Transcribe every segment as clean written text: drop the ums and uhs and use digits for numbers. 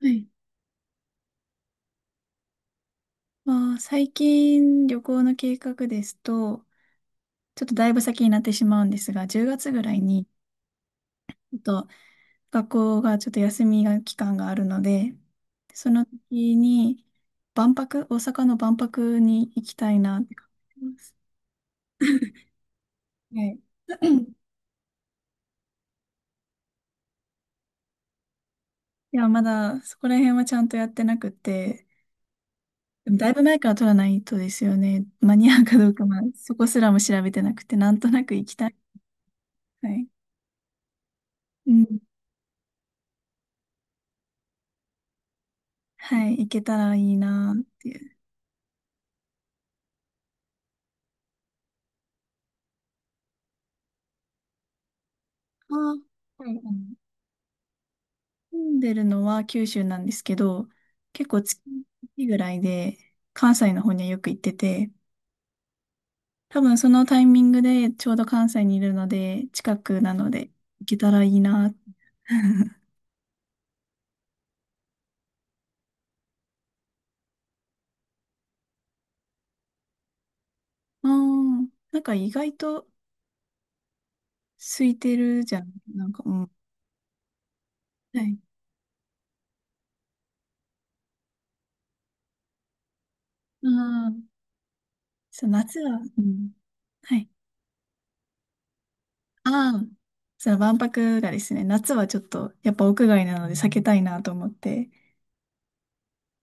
はい。まあー、最近旅行の計画ですと、ちょっとだいぶ先になってしまうんですが、10月ぐらいに、ちょっと学校がちょっと休みが期間があるので、その時に万博、大阪の万博に行きたいなって考えてます。はい。いや、まだそこら辺はちゃんとやってなくて、でもだいぶ前から取らないとですよね。間に合うかどうか、まあ、そこすらも調べてなくて、なんとなく行きたい。はい。うん。はい。行けたらいいなっていう。あー、はい、住んでるのは九州なんですけど、結構月1ぐらいで関西の方にはよく行ってて、多分そのタイミングでちょうど関西にいるので、近くなので行けたらいいな。ああ、なんか意外と空いてるじゃん。なんか、うん。はい。ああ、そう、夏は、うん。はい。ああ、そう、万博がですね、夏はちょっと、やっぱ屋外なので避けたいなと思って、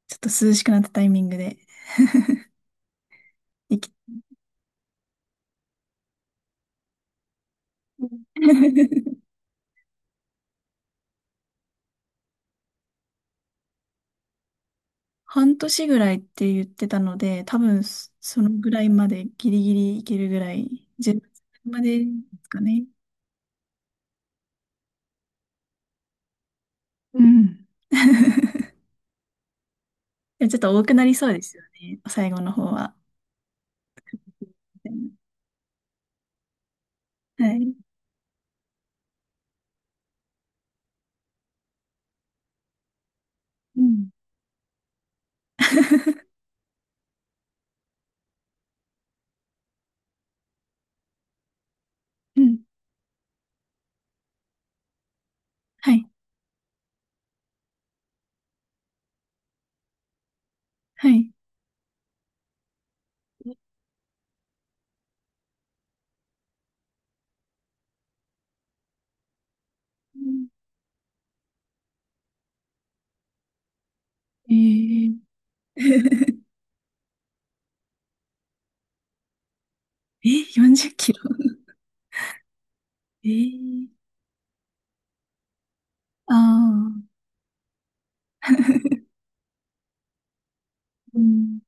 ちょっと涼しくなったタイミングで生き 半年ぐらいって言ってたので、多分そのぐらいまでギリギリいけるぐらい、10月までですかね。うん。でちょっと多くなりそうですよね、最後の方は。はい。うん。うん。はい。はい。うんえー、え、40キロえー、ああ うん。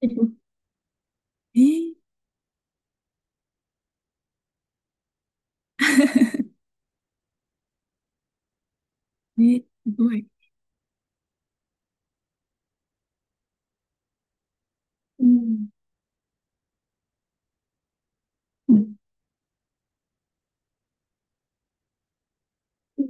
えっとえー え、すごい。うん。うんうん。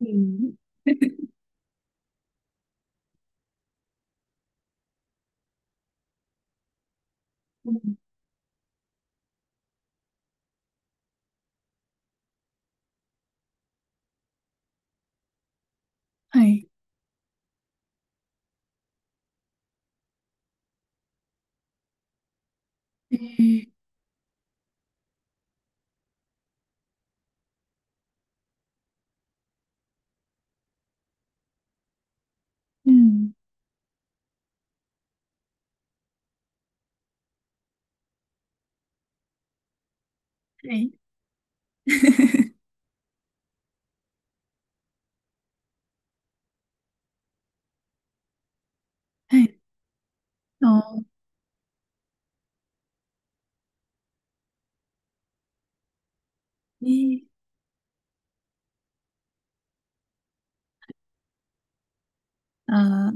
うん。うんはい。えー、うん。はい。はい。そうね。あー、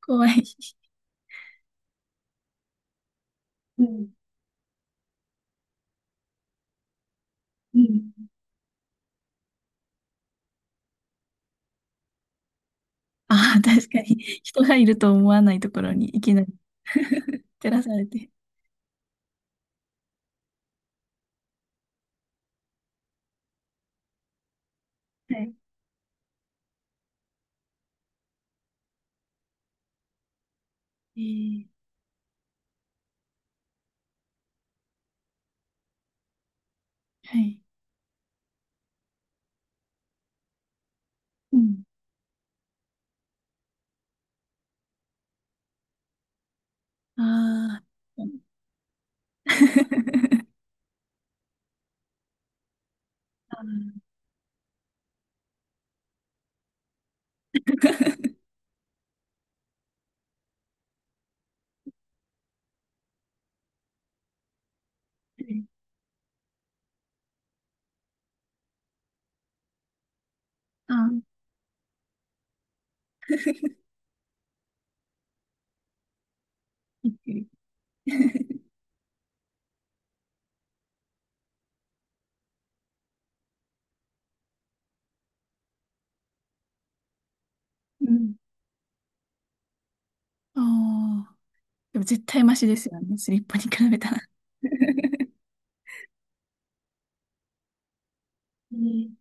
怖い。うん。うん。ああ、確かに。人がいると思わないところにいきなり 照らされて。はい。えー、はい。うん。ああ。うん あーはいあー、びっくり。うん。ああ。でも絶対マシですよね。スリッパに比べたら。ね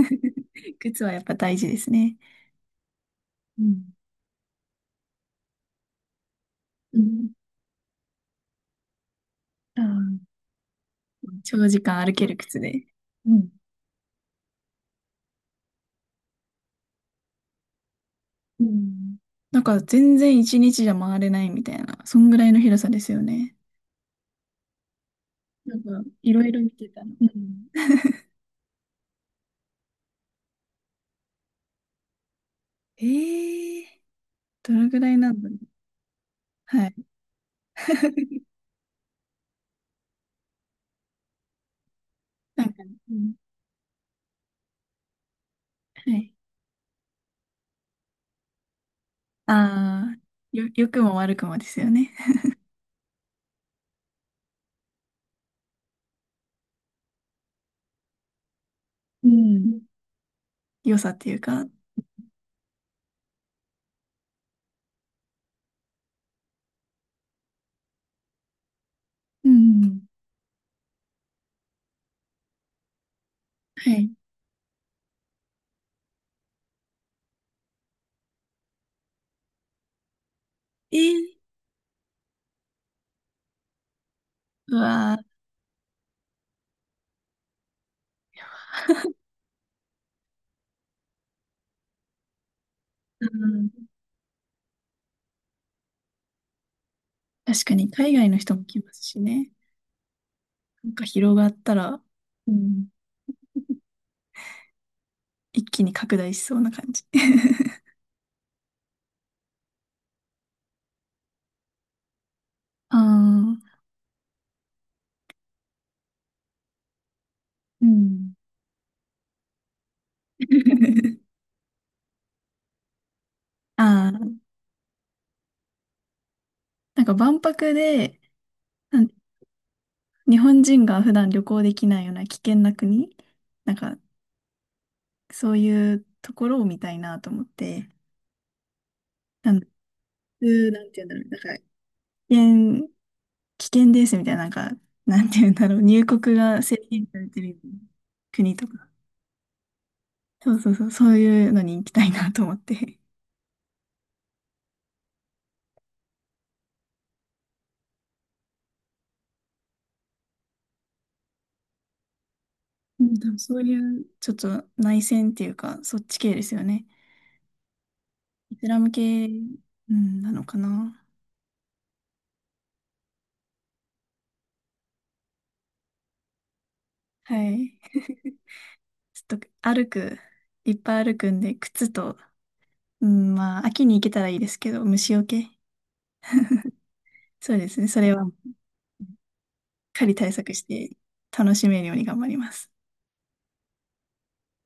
靴はやっぱ大事ですね。うん。うん。あー長時間歩ける靴で。うん。うんなんか全然一日じゃ回れないみたいな、そんぐらいの広さですよね。なんかいろいろ見てたの。うん。ええどれぐらいなんだろう。はい。なんか、うん、はい。ああ、良くも悪くもですよね。うん良さっていうか。うんはい。えー、うわー、うん、確かに海外の人も来ますしね。なんか広がったら、うん。一気に拡大しそうな感じ。ああ、うん。ああ、なんか万博で、なん日本人が普段旅行できないような危険な国、なんかそういうところを見たいなと思って、なん普通なんて言うんだろう、なんか危険、危険ですみたいな、なんか、なんて言うんだろう、入国が制限されてる国とか、そうそうそう、そういうのに行きたいなと思って。うん、多分そういうちょっと内戦っていうか、そっち系ですよね。イスラム系、うん、なのかな。はい。ちょっと歩く、いっぱい歩くんで、靴と、うん、まあ、秋に行けたらいいですけど、虫除け。そうですね。それは、しっかり対策して、楽しめるように頑張ります。